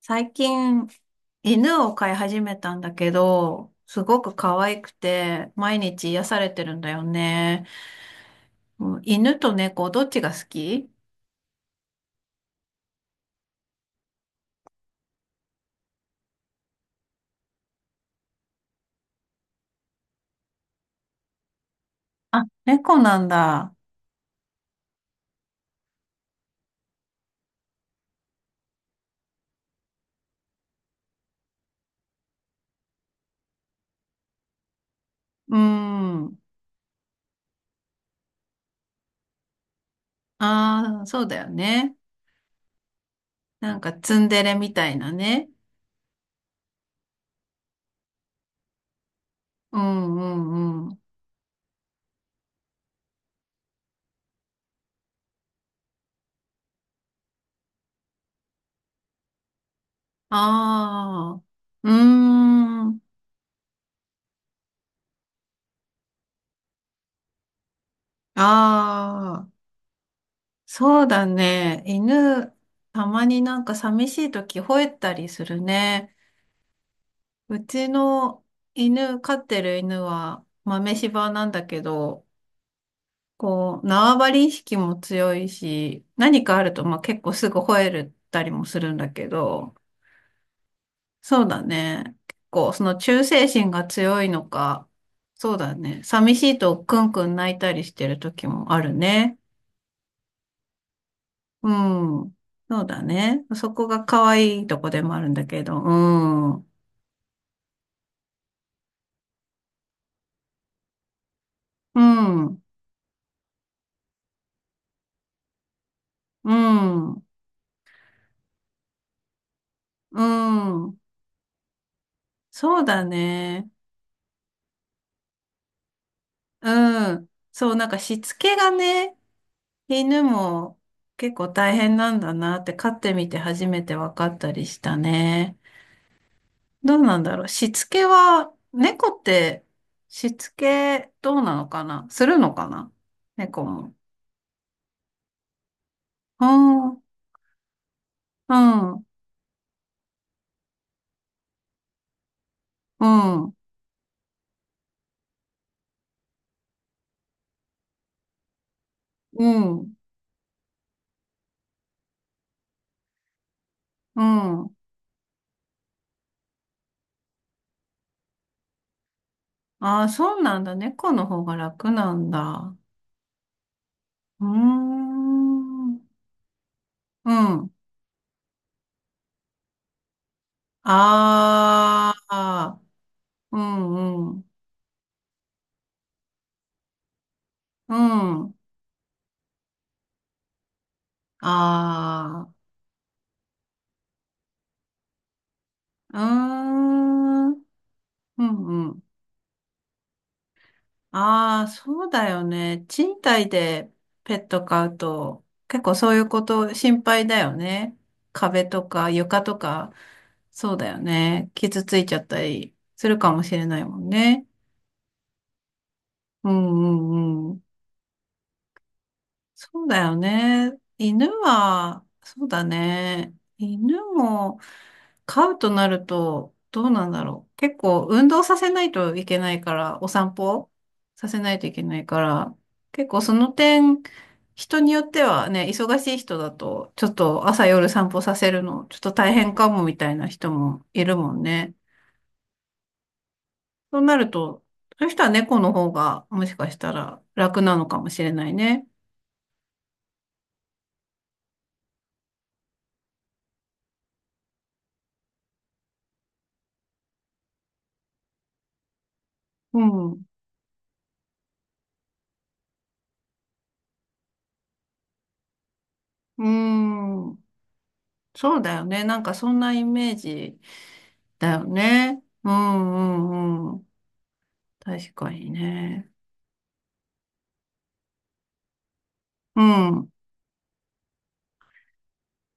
最近、犬を飼い始めたんだけど、すごく可愛くて、毎日癒されてるんだよね。うん、犬と猫、どっちが好き？あ、猫なんだ。うーん。ああ、そうだよね。なんかツンデレみたいなね。うんうんうん。ああ、うーん。ああ、そうだね。犬、たまになんか寂しい時吠えたりするね。うちの犬、飼ってる犬は豆柴なんだけど、こう、縄張り意識も強いし、何かあると、まあ、結構すぐ吠えるったりもするんだけど、そうだね。結構、その忠誠心が強いのか、そうだね。寂しいとクンクン泣いたりしてる時もあるね。うん。そうだね。そこが可愛いとこでもあるんだけど、うん。うん。うん。うん。そうだね。うん。そう、なんかしつけがね、犬も結構大変なんだなって飼ってみて初めて分かったりしたね。どうなんだろう。しつけは、猫ってしつけどうなのかな、するのかな、猫も。うん、うん、うん、うん、うん。ああ、そうなんだ。猫の方が楽なんだ。うーん、うん。ああ、うん、うん。うん。ああ、うーん。うんうん。ああ、そうだよね。賃貸でペット飼うと、結構そういうこと心配だよね。壁とか床とか、そうだよね。傷ついちゃったりするかもしれないもんね。うんうんうん。そうだよね。犬は、そうだね。犬も飼うとなると、どうなんだろう。結構運動させないといけないから、お散歩させないといけないから、結構その点、人によってはね、忙しい人だと、ちょっと朝夜散歩させるの、ちょっと大変かもみたいな人もいるもんね。そうなると、そういう人は猫の方が、もしかしたら楽なのかもしれないね。うん。うーん。そうだよね。なんかそんなイメージだよね。うんうんうん。確かにね。うん。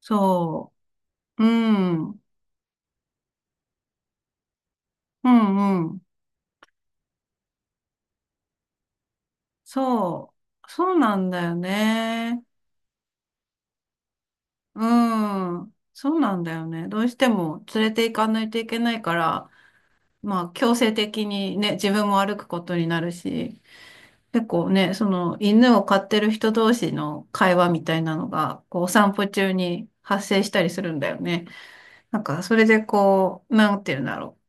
そう。うん。うんうん。そう。そうなんだよね。うん。そうなんだよね。どうしても連れて行かないといけないから、まあ強制的にね、自分も歩くことになるし、結構ね、その犬を飼ってる人同士の会話みたいなのが、こうお散歩中に発生したりするんだよね。なんか、それでこう、なんていうんだろう。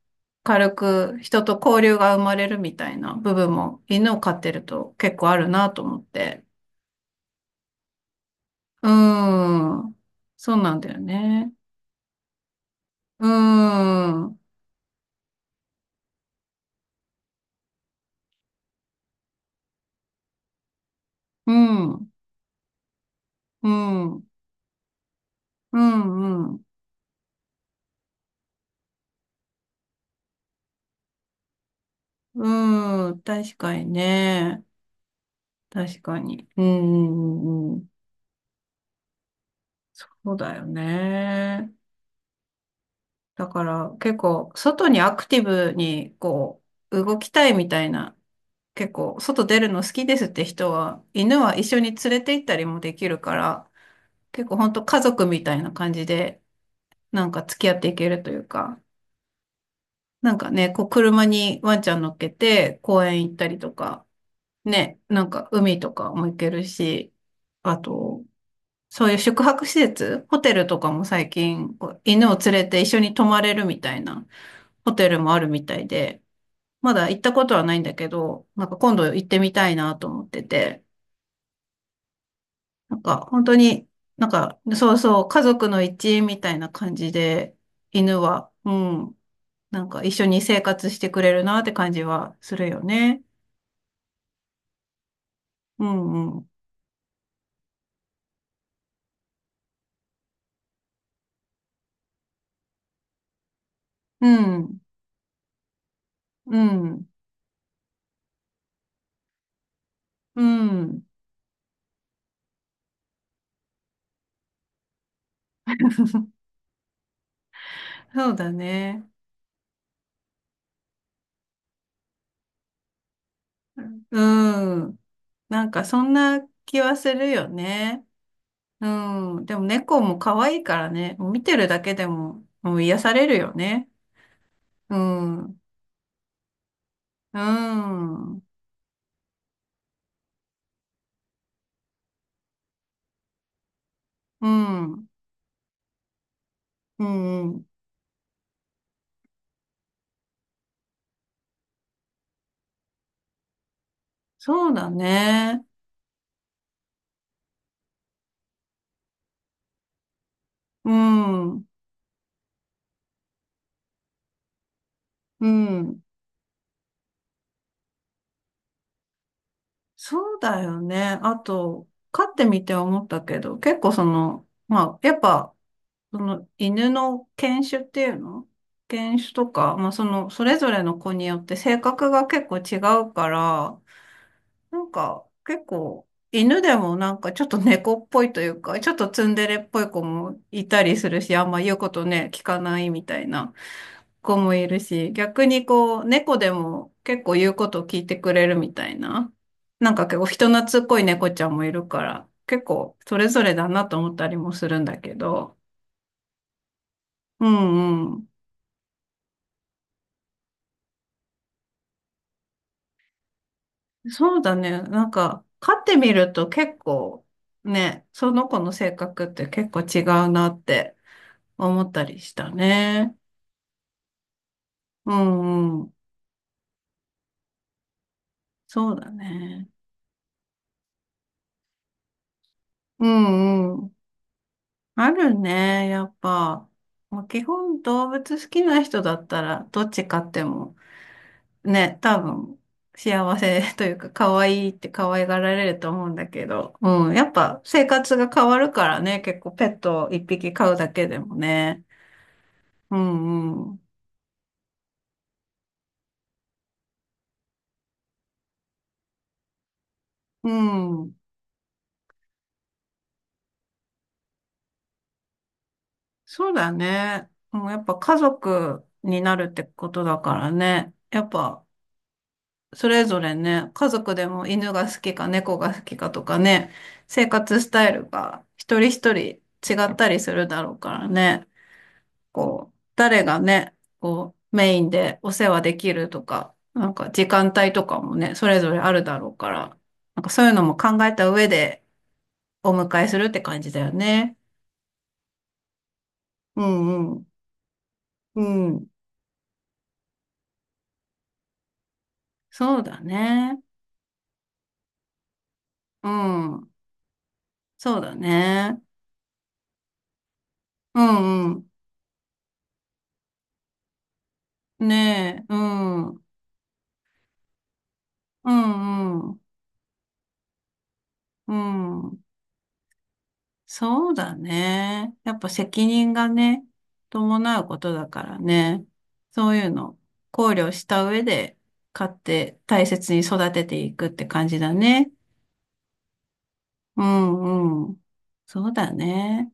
軽く人と交流が生まれるみたいな部分も犬を飼ってると結構あるなと思って。うーん。そうなんだよね。うーん。うん。うん。うん。うん。うん、確かにね。確かに。うん。うん、そうだよね。だから結構外にアクティブにこう動きたいみたいな、結構外出るの好きですって人は、犬は一緒に連れて行ったりもできるから、結構本当家族みたいな感じで、なんか付き合っていけるというか、なんかね、こう車にワンちゃん乗っけて公園行ったりとか、ね、なんか海とかも行けるし、あと、そういう宿泊施設、ホテルとかも最近、こう犬を連れて一緒に泊まれるみたいなホテルもあるみたいで、まだ行ったことはないんだけど、なんか今度行ってみたいなと思ってて、なんか、本当に、なんか、そうそう、家族の一員みたいな感じで、犬は、うん、なんか一緒に生活してくれるなって感じはするよね。うん、うん、うん、うん、うん、そうだね。うん、なんかそんな気はするよね。うん、でも猫も可愛いからね、見てるだけでも、もう癒されるよね。うん、うん、うん、うん、うん。そうだね。うん。うん。そうだよね。あと、飼ってみて思ったけど、結構その、まあ、やっぱ、その犬の犬種っていうの犬種とか、まあその、それぞれの子によって性格が結構違うから、なんか、結構、犬でもなんかちょっと猫っぽいというか、ちょっとツンデレっぽい子もいたりするし、あんま言うことね、聞かないみたいな子もいるし、逆にこう、猫でも結構言うことを聞いてくれるみたいな、なんか結構人懐っこい猫ちゃんもいるから、結構それぞれだなと思ったりもするんだけど、うんうん。そうだね。なんか、飼ってみると結構ね、その子の性格って結構違うなって。思ったりしたね。うんうん。そうだね。うんうん。あるね、やっぱ。まあ、基本動物好きな人だったら、どっち飼っても、ね、多分、幸せというか、可愛いって可愛がられると思うんだけど、うん、やっぱ生活が変わるからね、結構ペットを一匹飼うだけでもね。うんうん。うん。そうだね。もうやっぱ家族になるってことだからね。やっぱそれぞれね、家族でも犬が好きか猫が好きかとかね、生活スタイルが一人一人違ったりするだろうからね、こう、誰がね、こう、メインでお世話できるとか、なんか時間帯とかもね、それぞれあるだろうから、なんかそういうのも考えた上でお迎えするって感じだよね。うんうん。うん。そうだね。うん。そうだね。うんうん。ねえ。うん。うんうん。うん。そうだね。やっぱ責任がね、伴うことだからね。そういうの考慮した上で買って大切に育てていくって感じだね。うんうん。そうだね。